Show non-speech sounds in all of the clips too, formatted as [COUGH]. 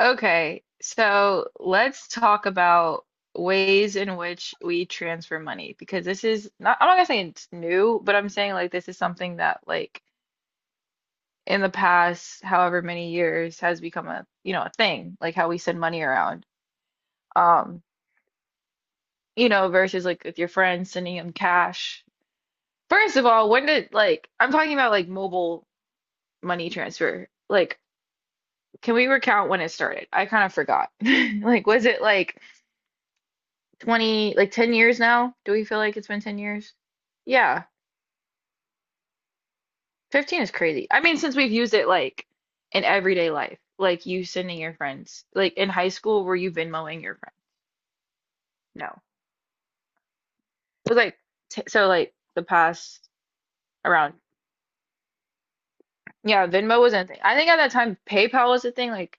Okay, so let's talk about ways in which we transfer money because this is not, I'm not gonna say it's new, but I'm saying like this is something that like in the past, however many years, has become a thing, like how we send money around. Um, versus like with your friends sending them cash. First of all, when did like I'm talking about like mobile money transfer. Like, can we recount when it started? I kind of forgot. [LAUGHS] Like, was it like 20, like 10 years now? Do we feel like it's been 10 years? Yeah, 15 is crazy. I mean, since we've used it like in everyday life, like you sending your friends, like in high school, were you Venmoing your friend? No. It was like, t so like the past around, yeah, Venmo wasn't a thing. I think at that time PayPal was a thing, like,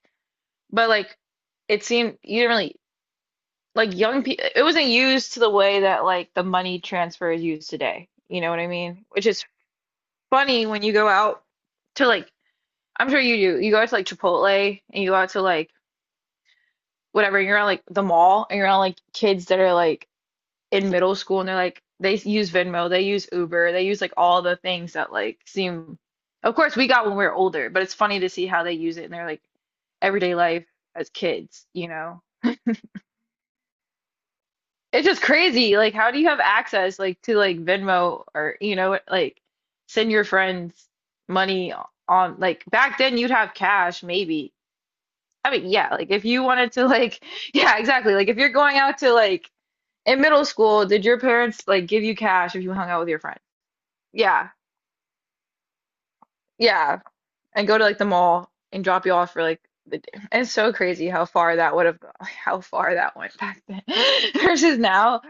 but like it seemed you didn't really like young people, it wasn't used to the way that like the money transfer is used today. You know what I mean? Which is funny when you go out to like I'm sure you do. You go to like Chipotle and you go out to like whatever, you're on like the mall and you're on like kids that are like in middle school and they're like they use Venmo, they use Uber, they use like all the things that like seem of course we got when we were older, but it's funny to see how they use it in their like everyday life as kids, you know? It's just crazy. Like how do you have access like to like Venmo or you know like send your friends money on like back then you'd have cash maybe. I mean, yeah, like if you wanted to like [LAUGHS] yeah, exactly. Like if you're going out to like in middle school, did your parents like give you cash if you hung out with your friend? Yeah. Yeah. And go to like the mall and drop you off for like the day. It's so crazy how far that would have gone, [LAUGHS] how far that went back then [LAUGHS] versus now.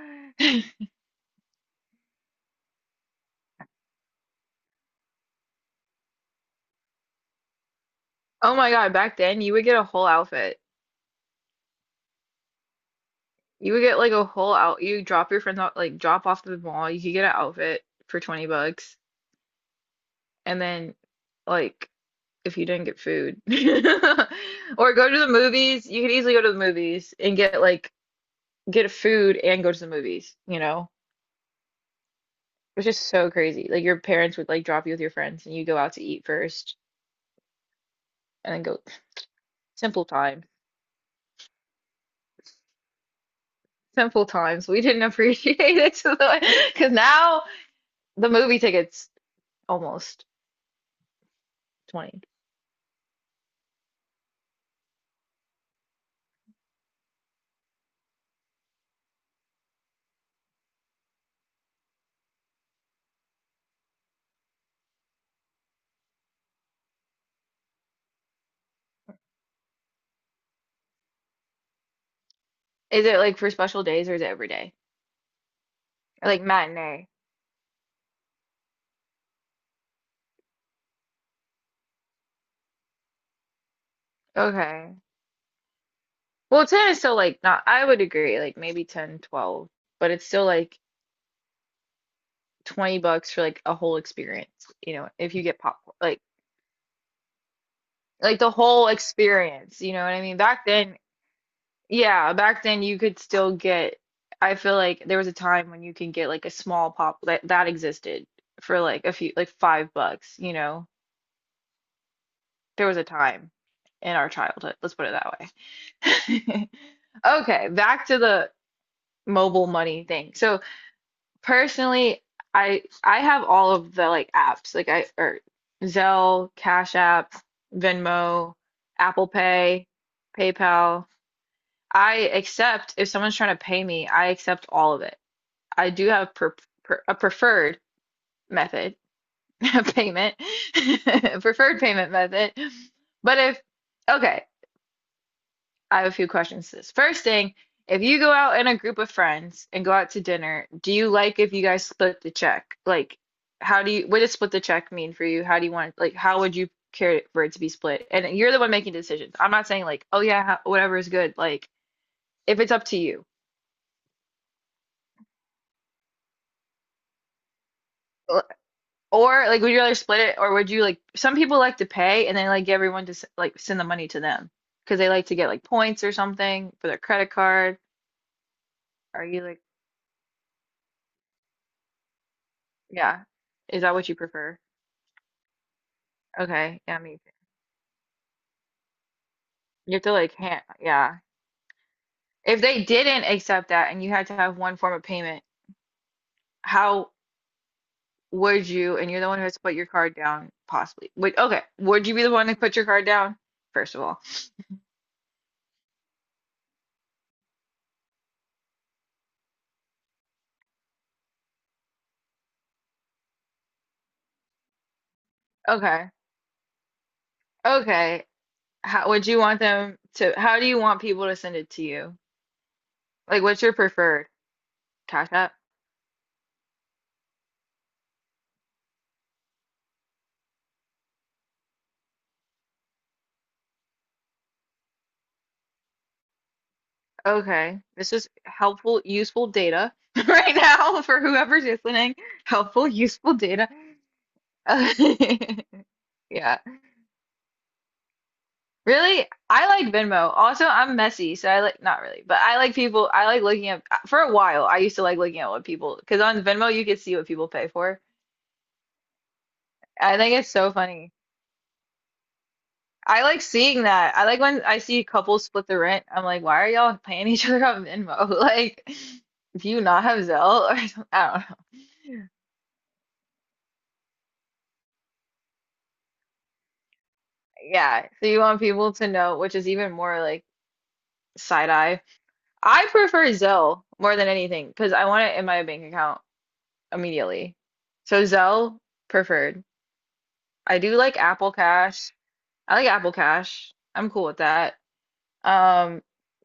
Oh my God, back then you would get a whole outfit. You would get like a whole out you drop your friends out, like drop off to the mall, you could get an outfit for 20 bucks and then like if you didn't get food. [LAUGHS] Or go to the movies. You could easily go to the movies and get food and go to the movies, you know? It's just so crazy. Like your parents would like drop you with your friends and you go out to eat first and then go simple time. Simple times. We didn't appreciate it [LAUGHS] because now the movie ticket's almost 20. Is it like for special days or is it every day? Or like matinee? Okay. Well, 10 is still like not, I would agree, like maybe 10, 12, but it's still like 20 bucks for like a whole experience, you know, if you get popcorn, like the whole experience, you know what I mean? Back then, yeah, back then you could still get, I feel like there was a time when you can get like a small pop that existed for like a few like 5 bucks, you know. There was a time in our childhood, let's put it that way. [LAUGHS] Okay, back to the mobile money thing. So personally, I have all of the like apps, like I or Zelle, Cash App, Venmo, Apple Pay, PayPal. I accept if someone's trying to pay me, I accept all of it. I do have per pre a preferred method [LAUGHS] of payment, [LAUGHS] preferred payment method. But if okay, I have a few questions. To This first thing, if you go out in a group of friends and go out to dinner, do you like if you guys split the check? Like, how do you, what does split the check mean for you? How do you want, like, how would you care for it to be split? And you're the one making decisions. I'm not saying like, oh yeah, whatever is good. Like, if it's up to you, or like, would you rather split it, or would you like? Some people like to pay, and they like everyone to like send the money to them because they like to get like points or something for their credit card. Are you like, yeah? Is that what you prefer? Okay, yeah, me too. You have to like hand, yeah. If they didn't accept that and you had to have one form of payment, how would you, and you're the one who has to put your card down, possibly. Would, okay, would you be the one to put your card down, first of all? Okay, okay. How would you want them to, how do you want people to send it to you? Like, what's your preferred? Cash App? Okay, this is helpful, useful data [LAUGHS] right now for whoever's listening. Helpful, useful data. [LAUGHS] Yeah. Really? I like Venmo. Also, I'm messy, so I like not really, but I like people. I like looking at for a while. I used to like looking at what people because on Venmo you could see what people pay for. I think it's so funny. I like seeing that. I like when I see couples split the rent. I'm like, why are y'all paying each other on Venmo? [LAUGHS] Like, do you not have Zelle [LAUGHS] or something? I don't know. Yeah. So you want people to know, which is even more like side eye. I prefer Zelle more than anything because I want it in my bank account immediately. So Zelle preferred. I do like Apple Cash. I like Apple Cash. I'm cool with that. Um,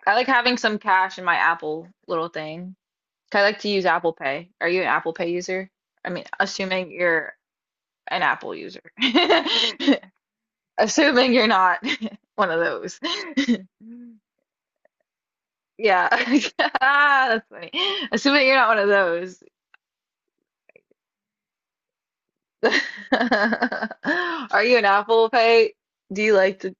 I like having some cash in my Apple little thing. 'Cause I like to use Apple Pay. Are you an Apple Pay user? I mean, assuming you're an Apple user. [LAUGHS] Assuming you're not [LAUGHS] one of those. Yeah. [LAUGHS] Ah, that's funny. Assuming you're not one of those. [LAUGHS] Are you an Apple Pay? Do you like to?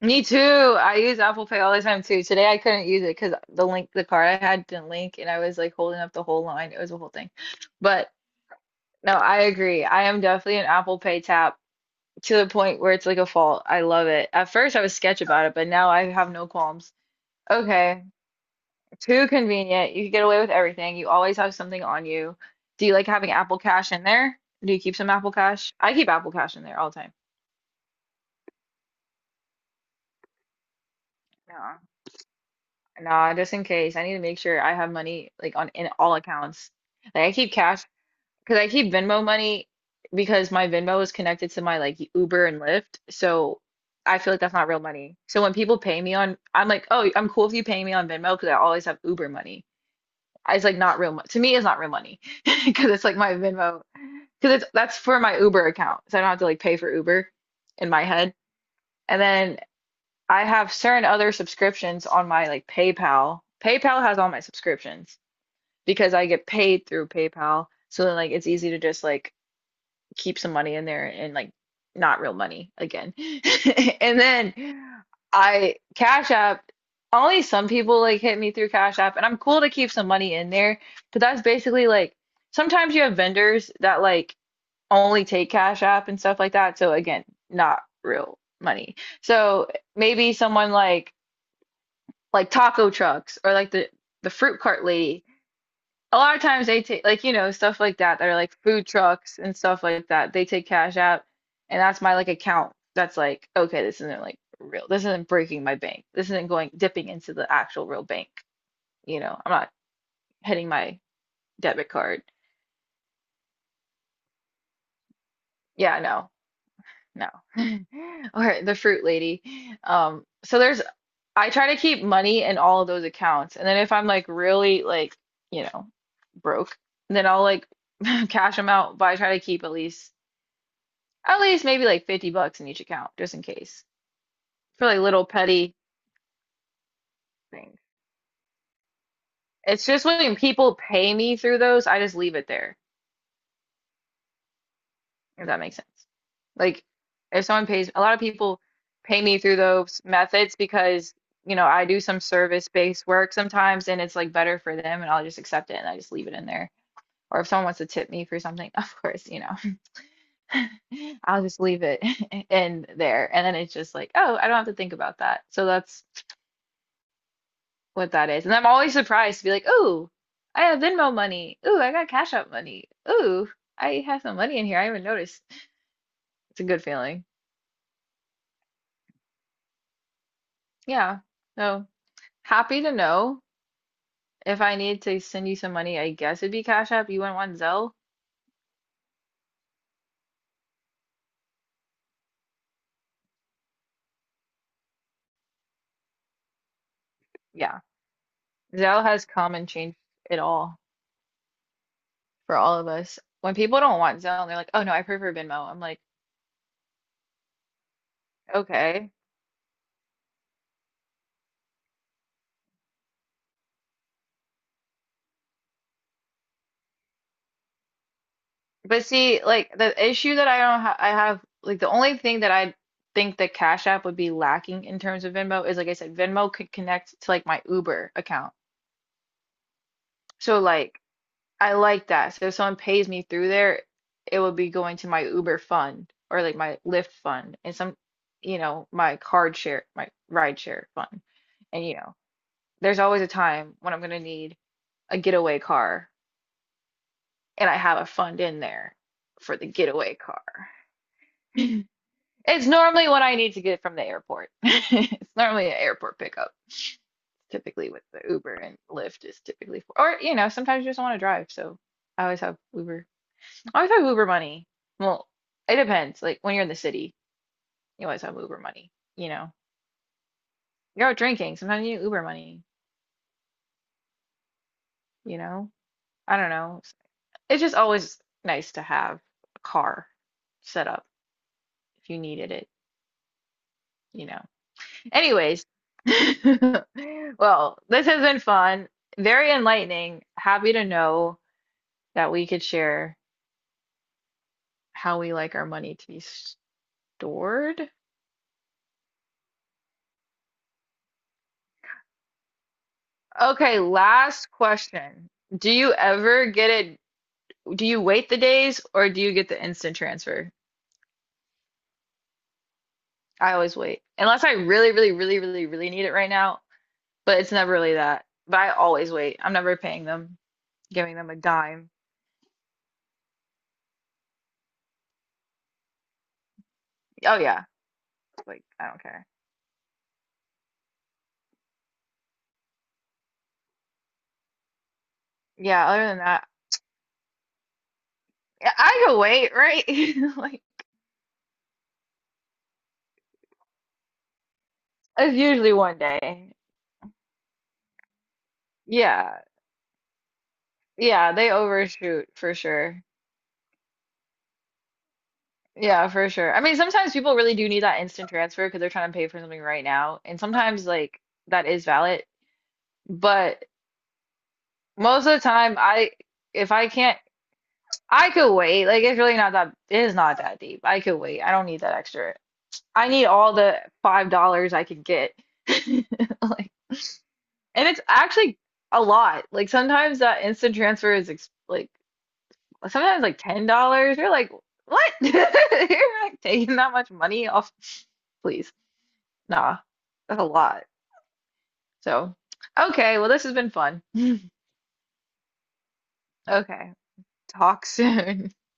Me too. I use Apple Pay all the time too. Today I couldn't use it because the link, the card I had didn't link, and I was like holding up the whole line. It was a whole thing. But no, I agree. I am definitely an Apple Pay tap to the point where it's like a fault. I love it. At first I was sketch about it, but now I have no qualms. Okay, too convenient. You can get away with everything. You always have something on you. Do you like having Apple Cash in there? Do you keep some Apple Cash? I keep Apple Cash in there all the time. Nah, just in case. I need to make sure I have money like on in all accounts. Like I keep cash because I keep Venmo money because my Venmo is connected to my like Uber and Lyft. So I feel like that's not real money. So when people pay me on, I'm like, oh, I'm cool if you pay me on Venmo because I always have Uber money. It's like not real money. To me, it's not real money [LAUGHS] because it's like my Venmo because it's that's for my Uber account. So I don't have to like pay for Uber in my head. And then I have certain other subscriptions on my like PayPal. PayPal has all my subscriptions because I get paid through PayPal. So then like it's easy to just like keep some money in there and like not real money again. [LAUGHS] And then I Cash App, only some people like hit me through Cash App and I'm cool to keep some money in there, but that's basically like sometimes you have vendors that like only take Cash App and stuff like that. So again, not real money. So maybe someone like taco trucks or like the fruit cart lady. A lot of times they take like you know stuff like that that are like food trucks and stuff like that. They take cash out, and that's my like account. That's like okay, this isn't like real. This isn't breaking my bank. This isn't going dipping into the actual real bank. You know, I'm not hitting my debit card. Yeah, no. No. [LAUGHS] Or the fruit lady. So there's I try to keep money in all of those accounts. And then if I'm like really like, you know, broke, then I'll like [LAUGHS] cash them out, but I try to keep at least maybe like 50 bucks in each account just in case for like little petty things. It's just when people pay me through those, I just leave it there. If that makes sense. Like, if someone pays, a lot of people pay me through those methods because, I do some service-based work sometimes and it's like better for them, and I'll just accept it and I just leave it in there. Or if someone wants to tip me for something, [LAUGHS] of course, [LAUGHS] I'll just leave it [LAUGHS] in there. And then it's just like, oh, I don't have to think about that. So that's what that is. And I'm always surprised to be like, oh, I have Venmo money. Ooh, I got Cash App money. Ooh, I have some money in here. I haven't noticed. It's a good feeling. Yeah. So. Happy to know. If I need to send you some money, I guess it'd be Cash App. You wouldn't want Zelle? Yeah. Zelle has come and changed it all for all of us. When people don't want Zelle and they're like, "Oh no, I prefer Venmo." I'm like, "Okay." But see, like the issue that I don't ha I have like, the only thing that I think that Cash App would be lacking in terms of Venmo is, like I said, Venmo could connect to like my Uber account. So like, I like that. So if someone pays me through there, it would be going to my Uber fund or like my Lyft fund and some, you know, my card share, my ride share fund. And you know, there's always a time when I'm gonna need a getaway car and I have a fund in there for the getaway car. [CLEARS THROAT] [LAUGHS] It's normally what I need to get from the airport. [LAUGHS] It's normally an airport pickup, typically with the Uber and Lyft is typically for, or you know, sometimes you just want to drive, so I always have Uber. I always have Uber money. Well, it depends. Like when you're in the city, you always have Uber money, you know. You're out drinking, sometimes you need Uber money, you know. I don't know. It's just always nice to have a car set up if you needed it, you know. Anyways, [LAUGHS] well, this has been fun, very enlightening. Happy to know that we could share how we like our money to be stored. Okay, last question. Do you ever get it Do you wait the days, or do you get the instant transfer? I always wait. Unless I really, really, really, really, really need it right now, but it's never really that. But I always wait. I'm never paying them, giving them a dime. Oh yeah, like I don't care. Yeah, other than that, yeah, I can wait, right? [LAUGHS] Like it's usually 1 day. Yeah. Yeah, they overshoot for sure. Yeah, for sure. I mean, sometimes people really do need that instant transfer because they're trying to pay for something right now, and sometimes like that is valid. But most of the time, I if I can't, I could wait. Like it's really not, that it is not that deep. I could wait. I don't need that extra. I need all the $5 I could get. [LAUGHS] Like, and it's actually a lot. Like sometimes that instant transfer is ex like sometimes like $10. You're like, what? [LAUGHS] You're like taking that much money off? Please, nah, that's a lot. So, okay. Well, this has been fun. Okay, talk soon. [LAUGHS]